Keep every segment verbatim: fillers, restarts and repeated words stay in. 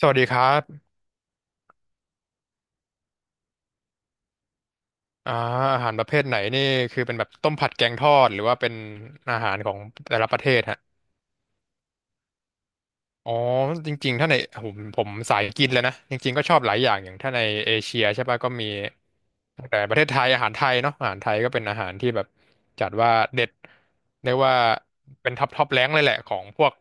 สวัสดีครับอ่าอาหารประเภทไหนนี่คือเป็นแบบต้มผัดแกงทอดหรือว่าเป็นอาหารของแต่ละประเทศฮะอ๋อจริงๆถ้าในผมผมสายกินเลยนะจริงๆก็ชอบหลายอย่างอย่างถ้าในเอเชียใช่ปะก็มีตั้งแต่ประเทศไทยอาหารไทยเนาะอาหารไทยก็เป็นอาหารที่แบบจัดว่าเด็ดเรียกว่าเป็นท็อปท็อปแรงเลยแหละของพวก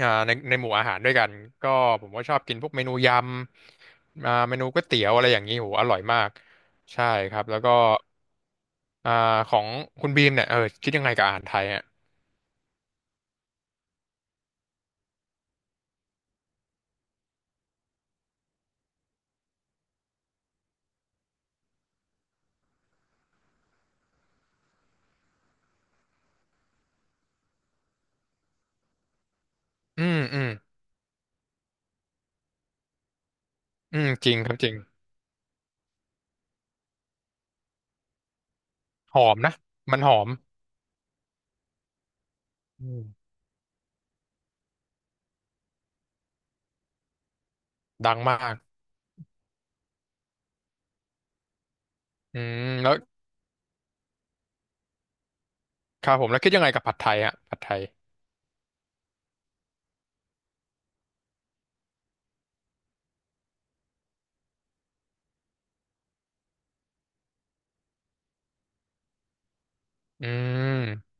อ่าในในหมู่อาหารด้วยกันก็ผมก็ชอบกินพวกเมนูยำอ่าเมนูก๋วยเตี๋ยวอะไรอย่างนี้โหอร่อยมากใช่ครับแล้วก็ อ่าของคุณบีมเนี่ยเออคิดยังไงกับอาหารไทยอ่ะอืมอืมอืมจริงครับจริงหอมนะมันหอมอืมดังมากอืมแล้วครับผมแล้วคิดยังไงกับผัดไทยอ่ะผัดไทยอืม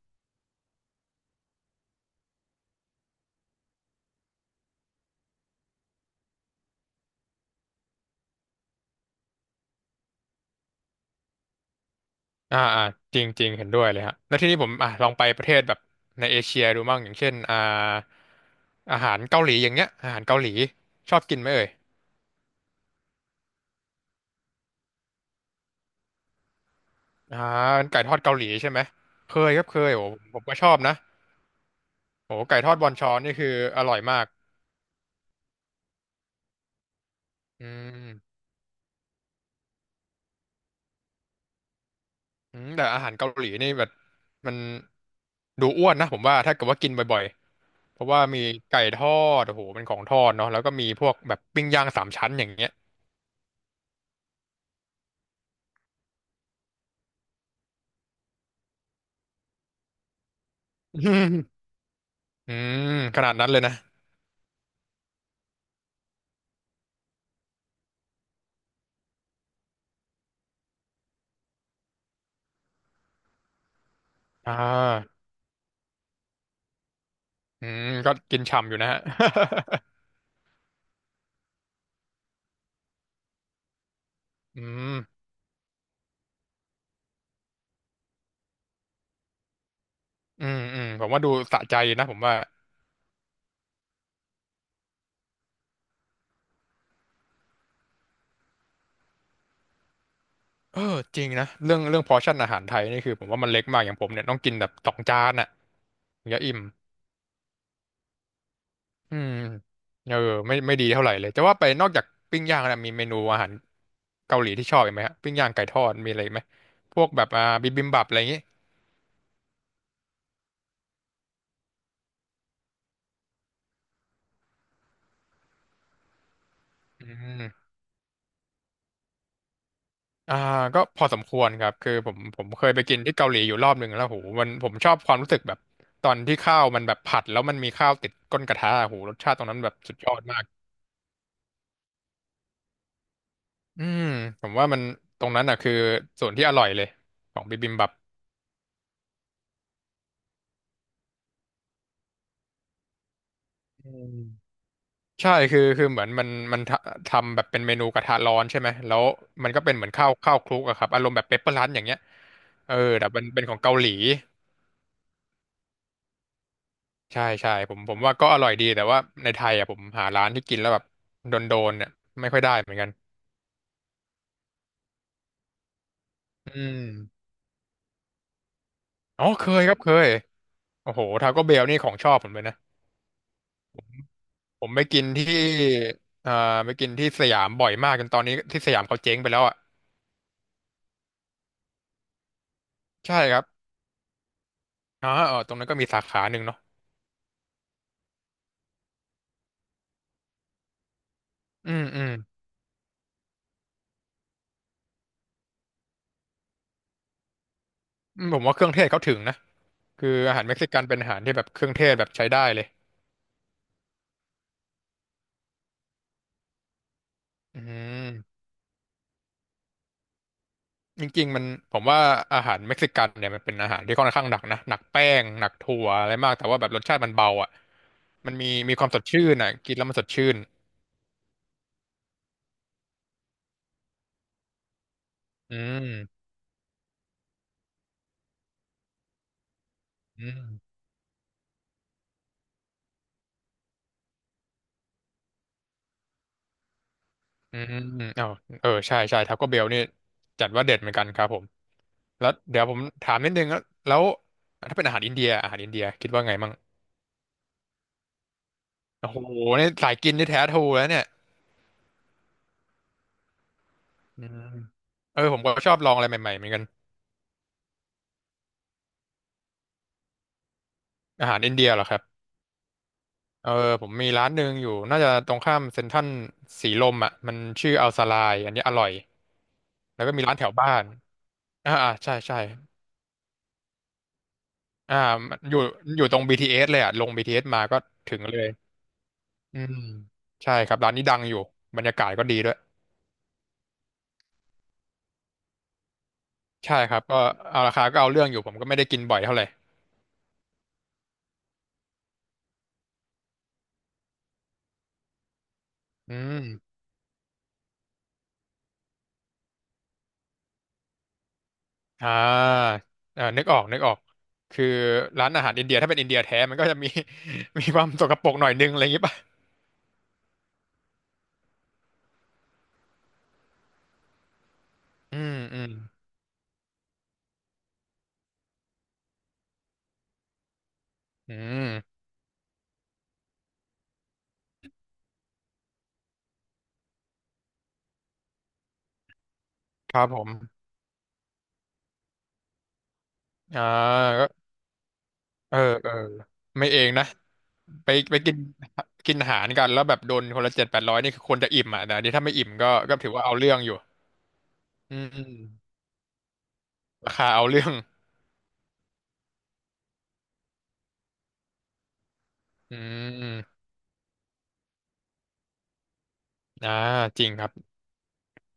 อ่าอ่าจริงจริงเห็นด้วยเลยฮะแล้วทีนี้ผมอ่ะลองไปประเทศแบบในเอเชียดูบ้างอย่างเช่นอ่าอาหารเกาหลีอย่างเงี้ยอาหารเกาหลีชอบกินไหมเอ่ยอ่าไก่ทอดเกาหลีใช่ไหมเคยครับเคยโอ้ผมก็ชอบนะโอ้ไก่ทอดบอนชอนนี่คืออร่อยมากอืม อืมแต่อาหารเกาหลีนี่แบบมันดูอ้วนนะผมว่าถ้าเกิดว่ากินบ่อยๆ เพราะว่ามีไก่ทอดโอ้โหเป็นของทอดเนาะแล้วก็มีพวกแบบปิ้งย่างสามชั้นอย่างเงี้ย อืมอืมขนาดนั้นเลยนะอ่าอืมก็กินฉ่ำอยู่นะฮะ อืมอืมอืมผมว่าดูสะใจนะผมว่าเออจริงนะเรื่องเรื่องพอร์ชั่นอาหารไทยนี่คือผมว่ามันเล็กมากอย่างผมเนี่ยต้องกินแบบสองจานอ่ะถึงจะอิ่ม อืมเออไม่ไม่ดีเท่าไหร่เลยแต่ว่าไปนอกจากปิ้งย่างนะมีเมนูอาหารเกาหลีที่ชอบอีกไหมฮะปิ้งย่างไก่ทอดมีอะไรอีกไหมพวกแบบอ่าบิบิมบับอะไรอย่างงี้อืมอ่าก็พอสมควรครับคือผมผมเคยไปกินที่เกาหลีอยู่รอบหนึ่งแล้วโหมันผมชอบความรู้สึกแบบตอนที่ข้าวมันแบบผัดแล้วมันมีข้าวติดก้นกระทะโหรสชาติตรงนั้นแบบสุดยอดมากอืมผมว่ามันตรงนั้นอ่ะคือส่วนที่อร่อยเลยของบิบิมบับ ใช่คือคือเหมือนมันมันทำทำแบบเป็นเมนูกระทะร้อนใช่ไหมแล้วมันก็เป็นเหมือนข้าวข้าวคลุกอะครับอารมณ์แบบเปปเปอร์รันอย่างเงี้ยเออแต่มันเป็นของเกาหลีใช่ใช่ผมผมว่าก็อร่อยดีแต่ว่าในไทยอะผมหาร้านที่กินแล้วแบบโดนโดนเนี่ยไม่ค่อยได้เหมือนกันอืมอ๋อเคยครับเคยโอ้โหทาโก้เบลนี่ของชอบผมเลยนะผมไปกินที่อ่าไปกินที่สยามบ่อยมากจนตอนนี้ที่สยามเขาเจ๊งไปแล้วอ่ะใช่ครับอ๋อเออตรงนั้นก็มีสาขาหนึ่งเนาะอืมอืม อืมผมว่าเครื่องเทศเขาถึงนะคืออาหารเม็กซิกันเป็นอาหารที่แบบเครื่องเทศแบบใช้ได้เลยอืมจริงๆมันผมว่าอาหารเม็กซิกันเนี่ยมันเป็นอาหารที่ค่อนข้างหนักนะหนักแป้งหนักถั่วอะไรมากแต่ว่าแบบรสชาติมันเบาอ่ะมันมีมีความสดชื่นอ่ะกินแล้วมันสดชื่นอืมอืมอืมอ้าวเออใช่ใช่ทาโก้เบลนี่จัดว่าเด็ดเหมือนกันครับผมแล้วเดี๋ยวผมถามนิดนึงแล้วแล้วถ้าเป็นอาหารอินเดียอาหารอินเดียคิดว่าไงมั่งโอ้โหนี่สายกินนี่แท้ทรูแล้วเนี่ย อืมเออผมก็ชอบลองอะไรใหม่ๆเหมือนกันอาหารอินเดียเหรอครับเออผมมีร้านหนึ่งอยู่น่าจะตรงข้ามเซ็นทรัลสีลมอ่ะมันชื่ออัลซาลายอันนี้อร่อยแล้วก็มีร้านแถวบ้านอ่าอ่าใช่ใช่อ่ามันอยู่อยู่ตรง บี ที เอส เอสเลยอ่ะลง บี ที เอส มาก็ถึงเลยอืมใช่ครับร้านนี้ดังอยู่บรรยากาศก็ดีด้วยใช่ครับก็เอาราคาก็เอาเรื่องอยู่ผมก็ไม่ได้กินบ่อยเท่าไหร่อืม อ่าเออนึกออกนึกออกคือร้านอาหารอินเดียถ้าเป็นอินเดียแท้มันก็จะมี มีความสกปรกหน่อยนึงอะไรอย่างงี้ป่ะอืมอืมอืมครับผมอ่าก็เออเออไม่เองนะไปไปกินกินอาหารกันแล้วแบบโดนคนละเจ็ดแปดร้อยนี่คือคนจะอิ่มอ่ะแต่อันนี้ถ้าไม่อิ่มก็ก็ถือว่าเอาเรื่องอยู่อืมอืมราคาเอาเรื่องอืมอ่าจริงครับ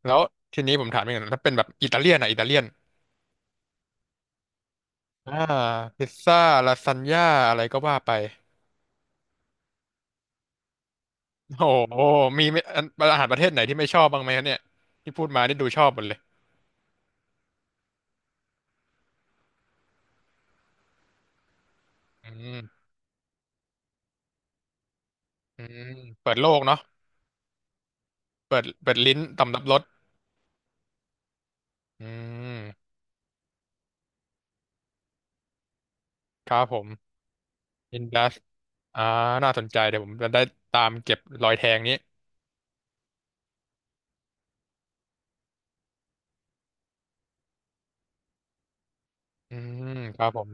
แล้วทีนี้ผมถามอีกหน่อยถ้าเป็นแบบอิตาเลียนอ่ะอิตาเลียนอ่าพิซซ่าลาซานญ่าอะไรก็ว่าไป โอ้โหมีไม่อันอาหารประเทศไหนที่ไม่ชอบบ้างไหมครับเนี่ยที่พูดมานี่ดูชอบหมดเลยอืมอืมเปิดโลกเนาะเปิดเปิดลิ้นต่ำรับรสอืมครับผมอินดัสอ่าน่าสนใจเดี๋ยวผมจะได้ตามเก็บรอยแทงนี้อืมครับผม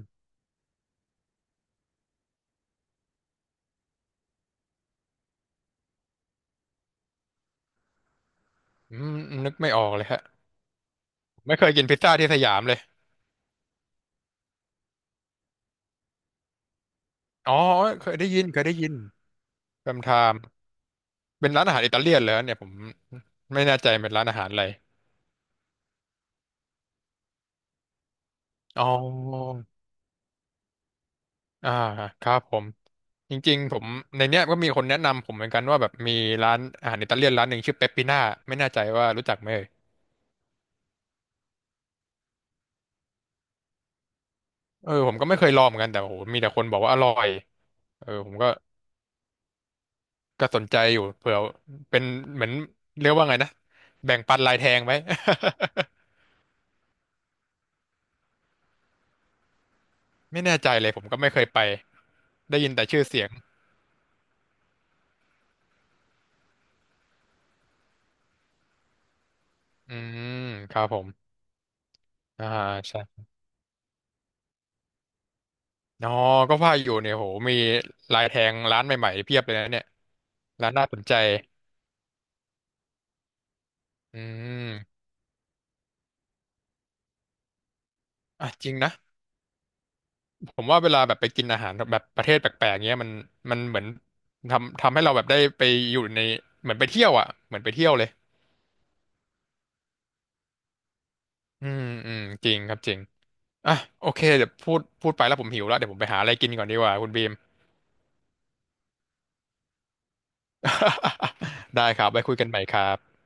อืมนึกไม่ออกเลยฮะไม่เคยกินพิซซ่าที่สยามเลยอ๋อเคยได้ยินเคยได้ยินแฟมไทม์เป็นร้านอาหารอิตาเลียนเหรอเนี่ยผมไม่แน่ใจเป็นร้านอาหารอะไรอ๋อ อ่าครับผมจริงๆผมในเนี้ยก็มีคนแนะนำผมเหมือนกันว่าแบบมีร้านอาหารอิตาเลียนร้านหนึ่งชื่อเปปปิน่าไม่แน่ใจว่ารู้จักไหมเอ่ยเออผมก็ไม่เคยลองเหมือนกันแต่โหมีแต่คนบอกว่าอร่อยเออผมก็ก็สนใจอยู่เผื่อเป็นเหมือนเรียกว่าไงนะแบ่งปันลายแทงไหม ไม่แน่ใจเลยผมก็ไม่เคยไปได้ยินแต่ชื่อเสียงอืมครับผมอ่าใช่อ๋อก็ว่าอยู่เนี่ยโหมีลายแทงร้านใหม่ๆเพียบเลยนะเนี่ยร้านน่าสนใจอืม อ่ะจริงนะผมว่าเวลาแบบไปกินอาหารแบบประเทศแปลกๆเงี้ยมันมันเหมือนทำทำให้เราแบบได้ไปอยู่ในเหมือนไปเที่ยวอ่ะเหมือนไปเที่ยวเลยอืมอืมจริงครับจริงอ่ะโอเคเดี๋ยวพูดพูดไปแล้วผมหิวแล้วเดี๋ยวผมไปหาอะไรกินก่อนดีกว่าคุณบีม ได้ครับไว้คุยกันใหม่ครับ